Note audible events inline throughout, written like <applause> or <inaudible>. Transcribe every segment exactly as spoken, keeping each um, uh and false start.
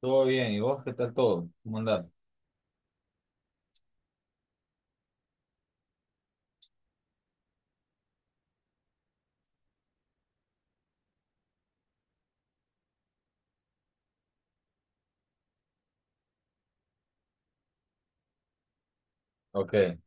Todo bien, ¿y vos qué tal todo? ¿Cómo andás? Ok.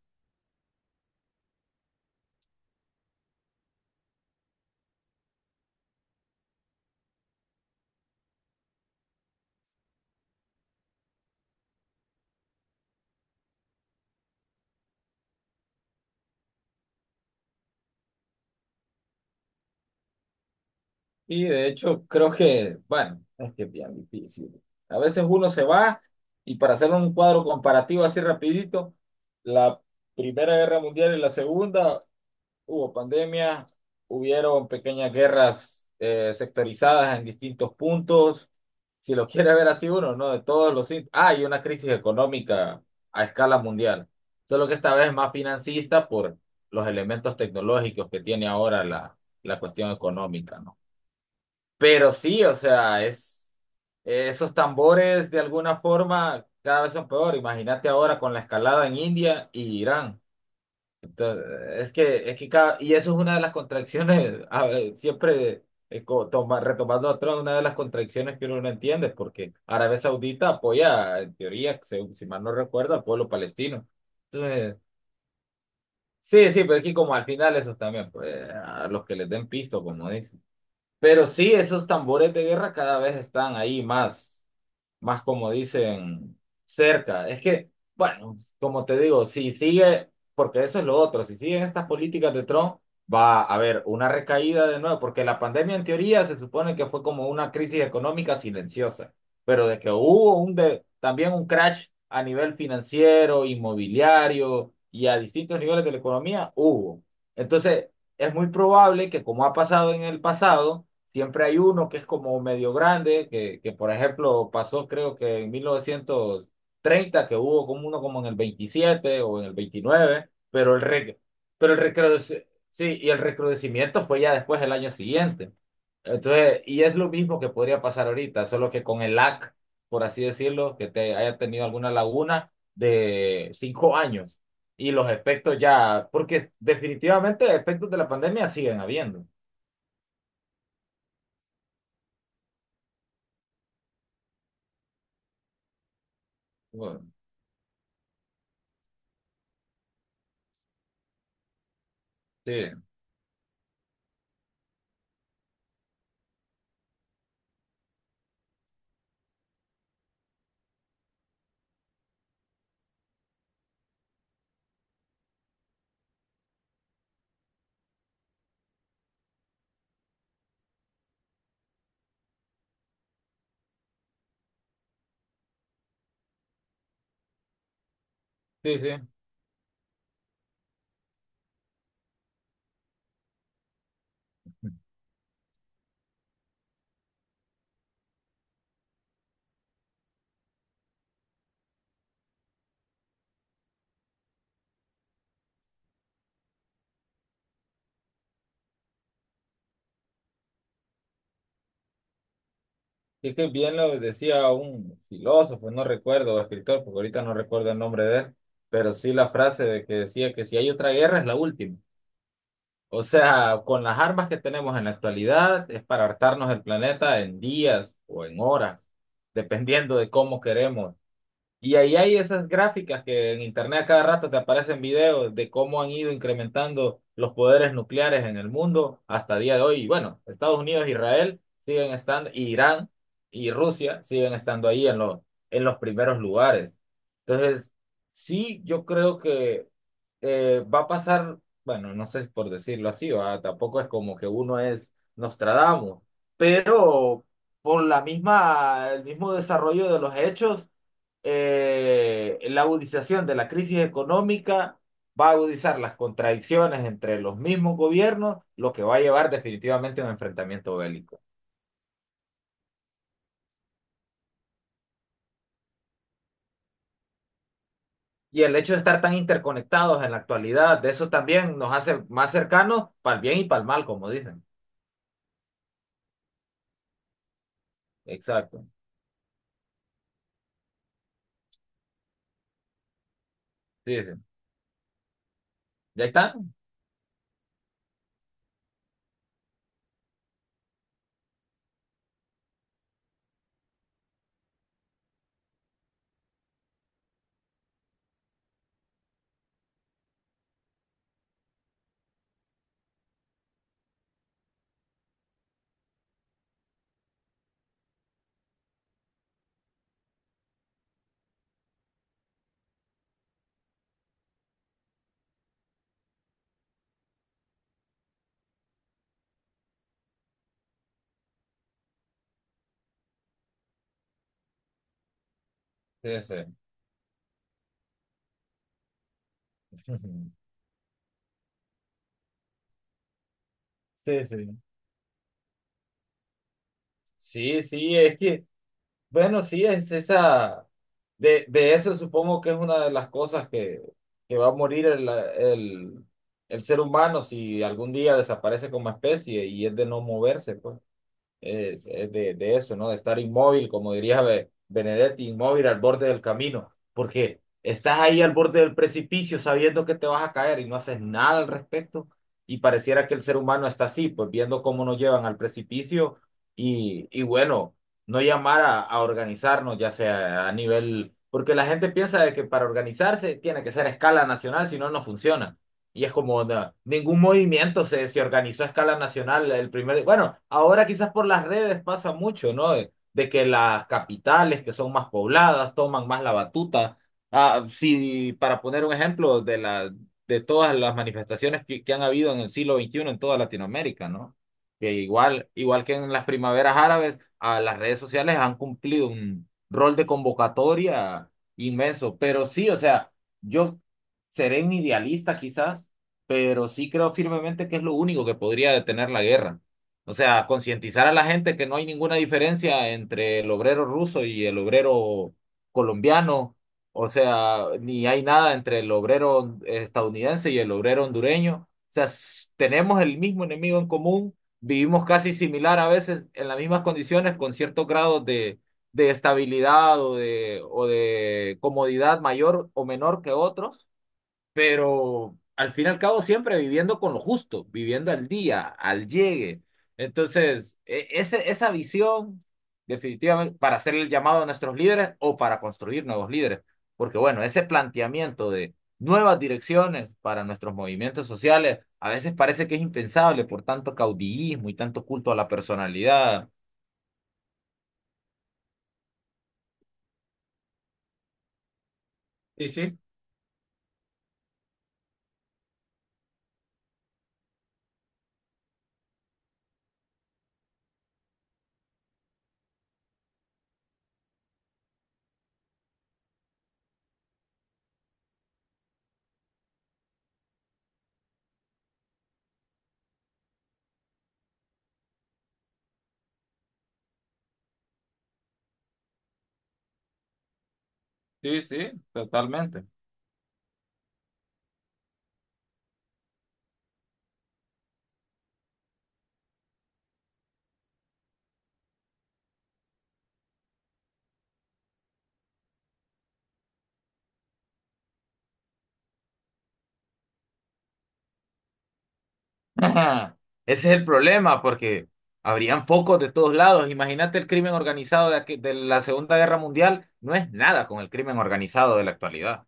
Y de hecho, creo que, bueno, es que es bien difícil. A veces uno se va y para hacer un cuadro comparativo así rapidito, la Primera Guerra Mundial y la Segunda. Hubo pandemia, hubieron pequeñas guerras eh, sectorizadas en distintos puntos. Si lo quiere ver así uno, ¿no? De todos los, sit- ah, y una crisis económica a escala mundial. Solo que esta vez más financista por los elementos tecnológicos que tiene ahora la, la cuestión económica, ¿no? Pero sí, o sea, es, eh, esos tambores de alguna forma cada vez son peor. Imagínate ahora con la escalada en India y Irán. Entonces, es que, es que cada- y eso es una de las contracciones, <laughs> a ver, siempre eh, co- toma- retomando a Trump, una de las contracciones que uno no entiende, porque Arabia Saudita apoya, en teoría, según- si mal no recuerdo, al pueblo palestino. Entonces, sí, sí, pero es que como al final esos también, pues, a los que les den pisto, como dicen. Pero sí, esos tambores de guerra cada vez están ahí más más como dicen, cerca. Es que, bueno, como te digo, si sigue, porque eso es lo otro, si siguen estas políticas de Trump, va a haber una recaída de nuevo, porque la pandemia en teoría se supone que fue como una crisis económica silenciosa, pero de que hubo un de, también un crash a nivel financiero, inmobiliario y a distintos niveles de la economía, hubo. Entonces, es muy probable que como ha pasado en el pasado, siempre hay uno que es como medio grande, que, que por ejemplo pasó creo que en mil novecientos treinta, que hubo como uno como en el veintisiete o en el veintinueve, pero el, re- pero el, recrudece- sí, y el recrudecimiento fue ya después el año siguiente. Entonces, y es lo mismo que podría pasar ahorita, solo que con el L A C, por así decirlo, que te haya tenido alguna laguna de cinco años y los efectos ya, porque definitivamente efectos de la pandemia siguen habiendo. Bueno, sí, sí, sí. Es que bien lo decía un filósofo, no recuerdo, escritor, porque ahorita no recuerdo el nombre de él, pero sí la frase de que decía que si hay otra guerra es la última. O sea, con las armas que tenemos en la actualidad es para hartarnos el planeta en días o en horas, dependiendo de cómo queremos. Y ahí hay esas gráficas que en internet a cada rato te aparecen videos de cómo han ido incrementando los poderes nucleares en el mundo hasta día de hoy. Y bueno, Estados Unidos, Israel siguen estando, y Irán y Rusia siguen estando ahí en los, en los primeros lugares. Entonces, sí, yo creo que eh, va a pasar, bueno, no sé si por decirlo así, ¿va? Tampoco es como que uno es Nostradamus, pero por la misma, el mismo desarrollo de los hechos, eh, la agudización de la crisis económica va a agudizar las contradicciones entre los mismos gobiernos, lo que va a llevar definitivamente a un enfrentamiento bélico. Y el hecho de estar tan interconectados en la actualidad, de eso también nos hace más cercanos para el bien y para el mal, como dicen. Exacto. Sí, sí. ¿Ya está? Sí, sí. <laughs> Sí, sí. Sí, sí, es que bueno, sí, es esa, de, de eso supongo que es una de las cosas que, que va a morir el, el, el ser humano si algún día desaparece como especie y es de no moverse, pues. Es, es de, de eso, ¿no? De estar inmóvil, como diría Be- Benedetti, inmóvil al borde del camino, porque estás ahí al borde del precipicio sabiendo que te vas a caer y no haces nada al respecto. Y pareciera que el ser humano está así, pues viendo cómo nos llevan al precipicio y, y bueno, no llamar a, a organizarnos, ya sea a nivel, porque la gente piensa de que para organizarse tiene que ser a escala nacional, si no, no funciona. Y es como, no, ningún movimiento se, se organizó a escala nacional. El primer, bueno, ahora quizás por las redes pasa mucho, ¿no? De, de que las capitales que son más pobladas toman más la batuta. Ah, sí, para poner un ejemplo de la, de todas las manifestaciones que, que han habido en el siglo veintiuno en toda Latinoamérica, ¿no? Que igual, igual que en las primaveras árabes, a las redes sociales han cumplido un rol de convocatoria inmenso. Pero sí, o sea, yo seré un idealista quizás, pero sí creo firmemente que es lo único que podría detener la guerra. O sea, concientizar a la gente que no hay ninguna diferencia entre el obrero ruso y el obrero colombiano. O sea, ni hay nada entre el obrero estadounidense y el obrero hondureño. O sea, s- tenemos el mismo enemigo en común, vivimos casi similar a veces en las mismas condiciones, con ciertos grados de, de estabilidad o de, o de comodidad mayor o menor que otros, pero al fin y al cabo siempre viviendo con lo justo, viviendo al día, al llegue. Entonces, e- ese, esa visión, definitivamente, para hacer el llamado a nuestros líderes o para construir nuevos líderes, porque bueno, ese planteamiento de nuevas direcciones para nuestros movimientos sociales, a veces parece que es impensable por tanto caudillismo y tanto culto a la personalidad. Y sí, sí, sí, totalmente. <laughs> Ajá. Ese es el problema, porque habrían focos de todos lados. Imagínate el crimen organizado de, aquí- de la Segunda Guerra Mundial, no es nada con el crimen organizado de la actualidad.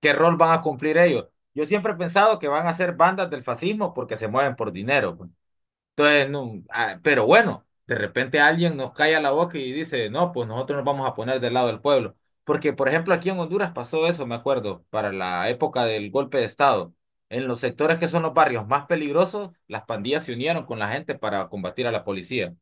¿Qué rol van a cumplir ellos? Yo siempre he pensado que van a ser bandas del fascismo porque se mueven por dinero, pues. Entonces, no, ah, pero bueno, de repente alguien nos calla la boca y dice, no, pues nosotros nos vamos a poner del lado del pueblo. Porque, por ejemplo, aquí en Honduras pasó eso, me acuerdo, para la época del golpe de Estado. En los sectores que son los barrios más peligrosos, las pandillas se unieron con la gente para combatir a la policía.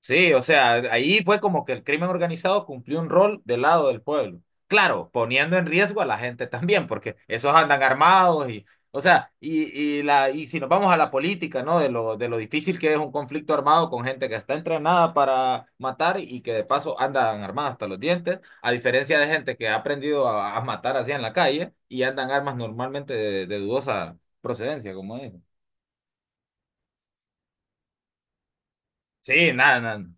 Sí, o sea, ahí fue como que el crimen organizado cumplió un rol del lado del pueblo. Claro, poniendo en riesgo a la gente <laughs> también, porque esos andan armados y, o sea, y, y la, y si nos vamos a la política, ¿no? De lo, de lo difícil que es un conflicto armado con gente que está entrenada para matar y que de paso andan armadas hasta los dientes, a diferencia de gente que ha aprendido a, a matar así en la calle y andan armas normalmente de, de dudosa procedencia, como dicen. Sí, nada, nada,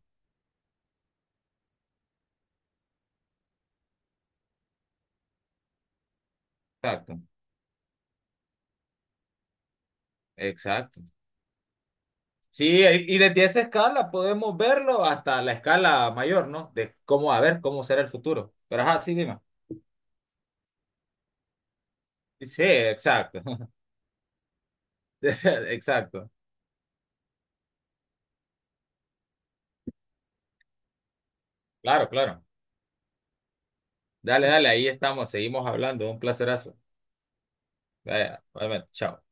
exacto, exacto. Sí, y desde esa escala podemos verlo hasta la escala mayor, ¿no? De cómo, a ver, cómo será el futuro. Pero ajá, sí, dime. Sí, exacto. <laughs> Exacto. Claro, claro. Dale, dale, ahí estamos, seguimos hablando. Un placerazo. Vaya, realmente, chao.